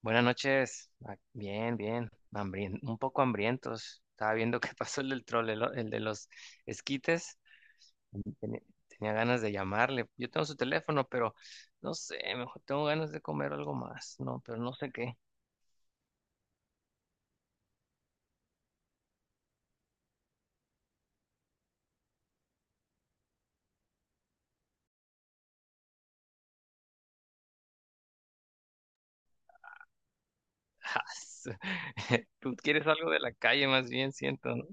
Buenas noches. Bien, bien. Un poco hambrientos. Estaba viendo qué pasó el del troll, el de los esquites. Tenía, tenía ganas de llamarle. Yo tengo su teléfono, pero no sé, mejor tengo ganas de comer algo más. No, pero no sé qué. Tú quieres algo de la calle, más bien siento, ¿no?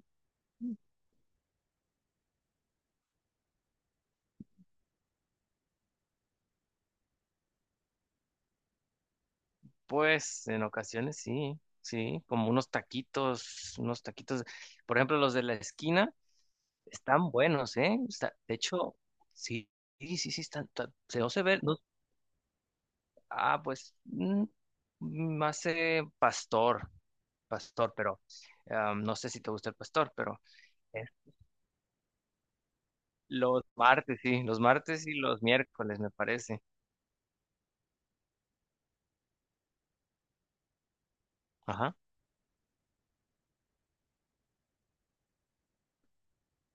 Pues en ocasiones sí, sí, como unos taquitos, por ejemplo, los de la esquina. Están buenos, ¿eh? De hecho, sí, sí, sí, sí, están. Se no se ve. Pues, más pastor, pastor, pero no sé si te gusta el pastor, pero es los martes, sí, los martes y los miércoles, me parece. Ajá.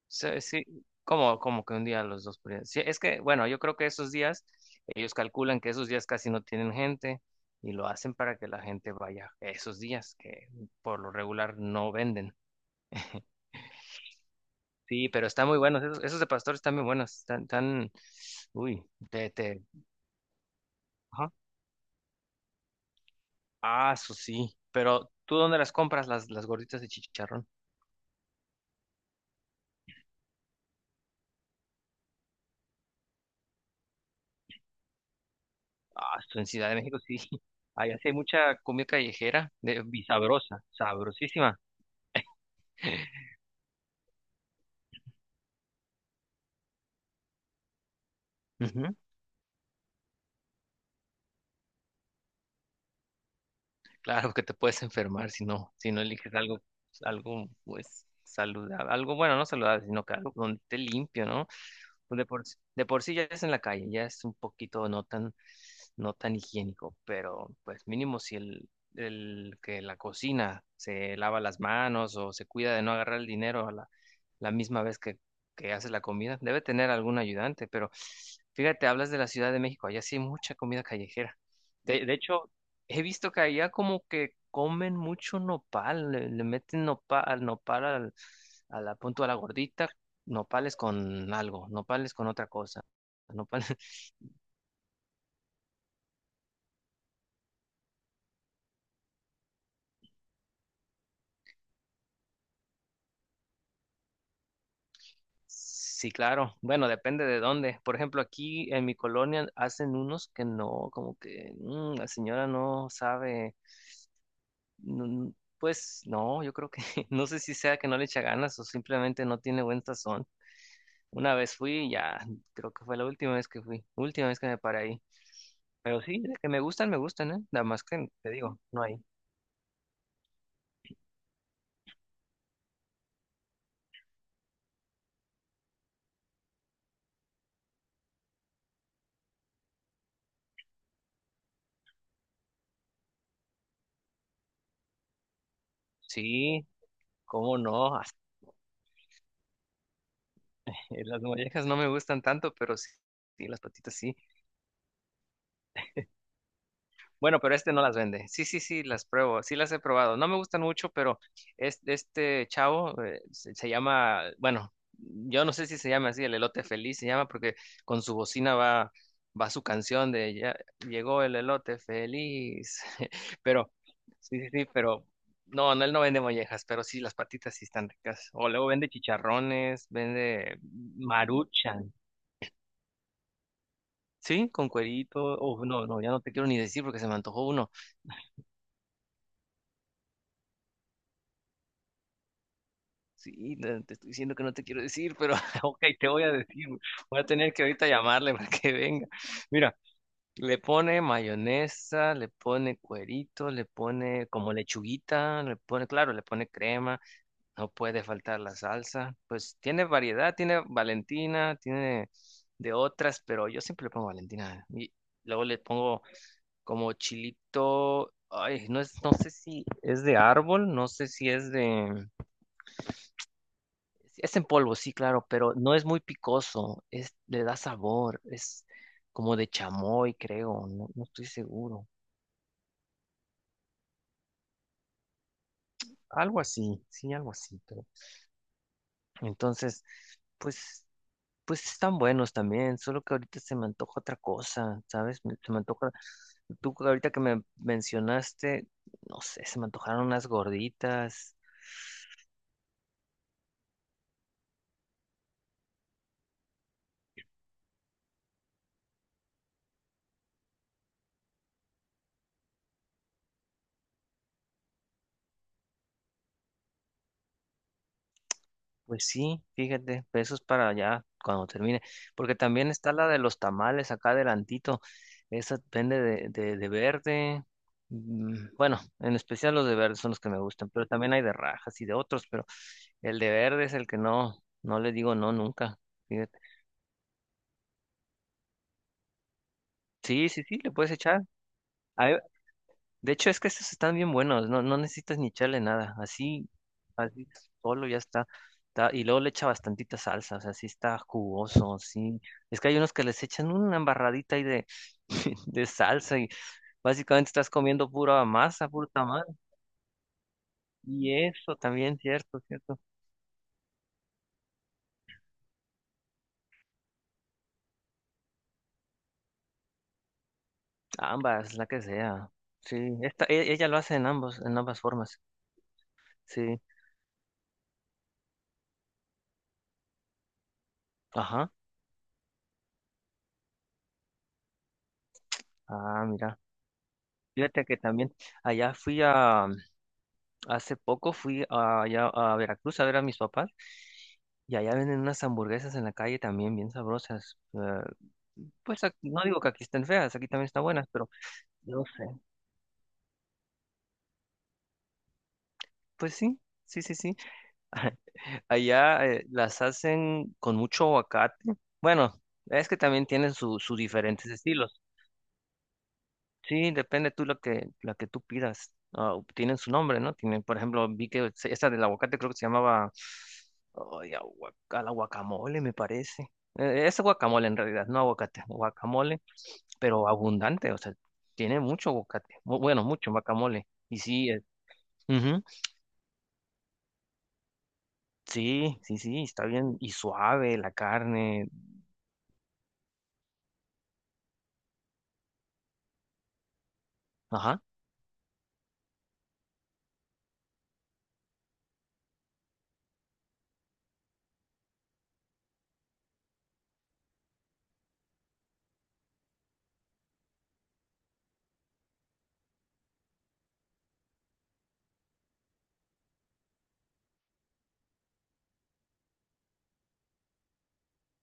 Sí, sí, como que un día los dos por día. Sí, es que, bueno, yo creo que esos días, ellos calculan que esos días casi no tienen gente y lo hacen para que la gente vaya esos días que por lo regular no venden. Sí, pero están muy buenos. Esos de pastor están muy buenos. Están tan. Uy, te. Ajá. Ah, eso sí. Pero ¿tú dónde las compras, las gorditas de chicharrón? Ah, eso en Ciudad de México sí. Allá sí hay mucha comida callejera, y sabrosa, sabrosísima. Ujú. Claro que te puedes enfermar si no eliges algo, algo pues saludable, algo bueno, no saludable, sino que algo donde esté limpio, ¿no? Pues, de por sí ya es en la calle, ya es un poquito no tan higiénico, pero pues mínimo si el que la cocina se lava las manos o se cuida de no agarrar el dinero a la misma vez que hace la comida, debe tener algún ayudante, pero fíjate, hablas de la Ciudad de México, allá sí hay mucha comida callejera. De hecho, he visto que allá como que comen mucho nopal, le meten nopal, nopal a la punto a la gordita, nopales con algo, nopales con otra cosa. Nopales. Sí, claro. Bueno, depende de dónde. Por ejemplo, aquí en mi colonia hacen unos que no, como que la señora no sabe. mm, Pues no, yo creo que no sé si sea que no le echa ganas o simplemente no tiene buen sazón. Una vez fui, y ya, creo que fue la última vez que fui, última vez que me paré ahí. Pero sí, de que me gustan, ¿eh? Nada más que te digo, no hay. Sí, cómo no. Las mollejas no me gustan tanto, pero sí, sí, las patitas sí. Bueno, pero este no las vende. Sí, sí, sí, las pruebo. Sí las he probado. No me gustan mucho, pero este chavo se llama, bueno, yo no sé si se llama así, el elote feliz se llama porque con su bocina va su canción de ya llegó el elote feliz. Pero, sí, sí, sí, pero no, no, él no vende mollejas, pero sí, las patitas sí están ricas. O luego vende chicharrones, vende maruchan. Sí, con cuerito. Oh, no, no, ya no te quiero ni decir porque se me antojó uno. Sí, no, te estoy diciendo que no te quiero decir, pero ok, te voy a decir. Voy a tener que ahorita llamarle para que venga. Mira, le pone mayonesa, le pone cuerito, le pone como lechuguita, le pone, claro, le pone crema, no puede faltar la salsa. Pues tiene variedad, tiene Valentina, tiene de otras, pero yo siempre le pongo Valentina. Y luego le pongo como chilito, ay, no es, no sé si es de árbol, no sé si es de. Sí, es en polvo, sí, claro, pero no es muy picoso, es, le da sabor, es como de chamoy, creo, no, no estoy seguro. Algo así, sí, algo así, pero entonces, pues, pues están buenos también, solo que ahorita se me antoja otra cosa, ¿sabes? Se me antoja, tú ahorita que me mencionaste, no sé, se me antojaron unas gorditas. Pues sí, fíjate, pesos para allá cuando termine, porque también está la de los tamales acá adelantito, esa depende de, de verde, bueno, en especial los de verde son los que me gustan, pero también hay de rajas y de otros, pero el de verde es el que no le digo no nunca, fíjate. Sí, sí, sí, le puedes echar. A mí De hecho, es que estos están bien buenos, no, no necesitas ni echarle nada, así solo ya está, y luego le echa bastantita salsa, o sea, sí está jugoso, sí. Es que hay unos que les echan una embarradita ahí de, de salsa y básicamente estás comiendo pura masa, puro tamal. Y eso también, cierto, cierto. Ambas, la que sea. Sí, ella lo hace en ambos, en ambas formas. Sí, ajá. Ah, mira. Fíjate que también allá fui a, hace poco allá a Veracruz a ver a mis papás y allá venden unas hamburguesas en la calle también bien sabrosas. Pues no digo que aquí estén feas, aquí también están buenas, pero no sé. Pues sí, sí, sí, sí. Allá las hacen con mucho aguacate. Bueno, es que también tienen sus diferentes estilos. Sí, depende tú lo que tú pidas. Ah, tienen su nombre, ¿no? Tienen, por ejemplo, vi que esa del aguacate creo que se llamaba ay, a la guacamole, me parece. Es guacamole en realidad, no aguacate, guacamole, pero abundante, o sea, tiene mucho aguacate, bueno, mucho guacamole. Y sí, ujú, sí, sí, sí, está bien, y suave la carne, ajá,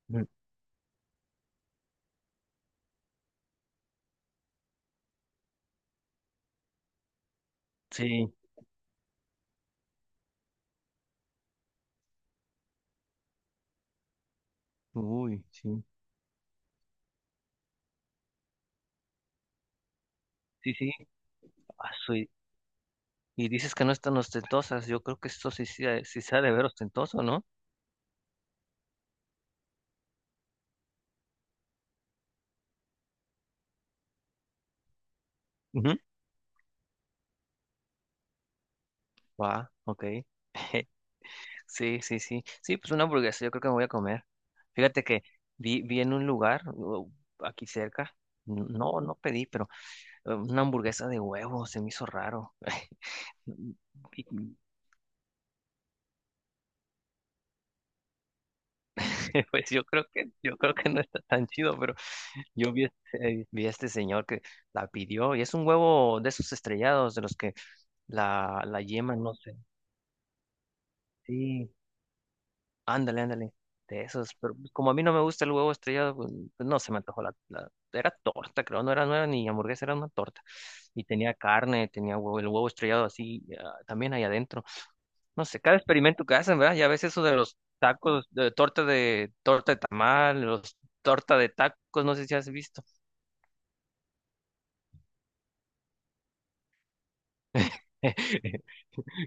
mm, sí, uy, sí, sí, sí. Y dices que no están ostentosas. Yo creo que esto sí, sí, sí se ha de ver ostentoso, ¿no? Ujú. Va, ok. Sí, sí, sí. Sí, pues una hamburguesa, yo creo que me voy a comer. Fíjate que vi en un lugar aquí cerca. No, no pedí, pero una hamburguesa de huevo se me hizo raro. Y- Pues yo creo que no está tan chido, pero yo vi, vi a este señor que la pidió y es un huevo de esos estrellados de los que la yema, no sé. Sí, Ándale, ándale, de esos, pero pues, como a mí no me gusta el huevo estrellado, pues, no se me antojó era torta, creo, no era nueva ni hamburguesa, era una torta, y tenía carne, tenía huevo, el huevo estrellado así, también ahí adentro, no sé, cada experimento que hacen, ¿verdad? Ya ves eso de los tacos, torta de tamal, los torta de tacos, no sé si has visto.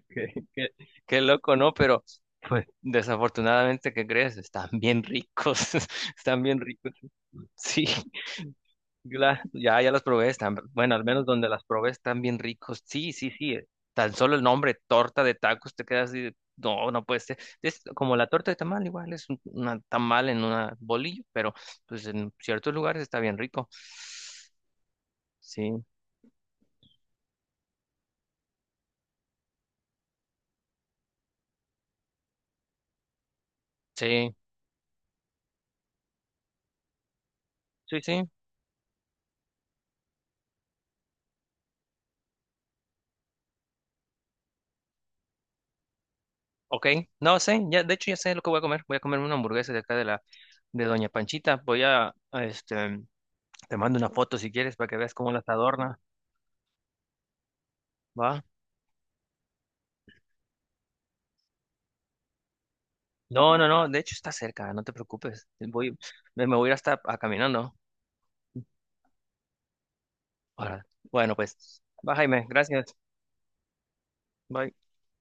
qué, qué- qué loco, ¿no? Pero, pues, desafortunadamente, ¿qué crees? Están bien ricos, están bien ricos, sí. Ya las probé, están, bueno, al menos donde las probé están bien ricos. Sí, sí, sí. Tan solo el nombre, torta de tacos, te quedas así, de, no, no puede ser. Es como la torta de tamal, igual es un una tamal en una bolillo, pero pues en ciertos lugares está bien rico. Sí, sí, sí, sí. Ok, no sé, ya, de hecho ya sé lo que voy a comer. Voy a comerme una hamburguesa de acá de de Doña Panchita. Voy a, este, te mando una foto si quieres para que veas cómo las adorna, ¿va? No, no, no, de hecho está cerca, no te preocupes. Voy, me me voy a ir hasta a caminando. Ahora, bueno, pues, va Jaime, gracias. Bye.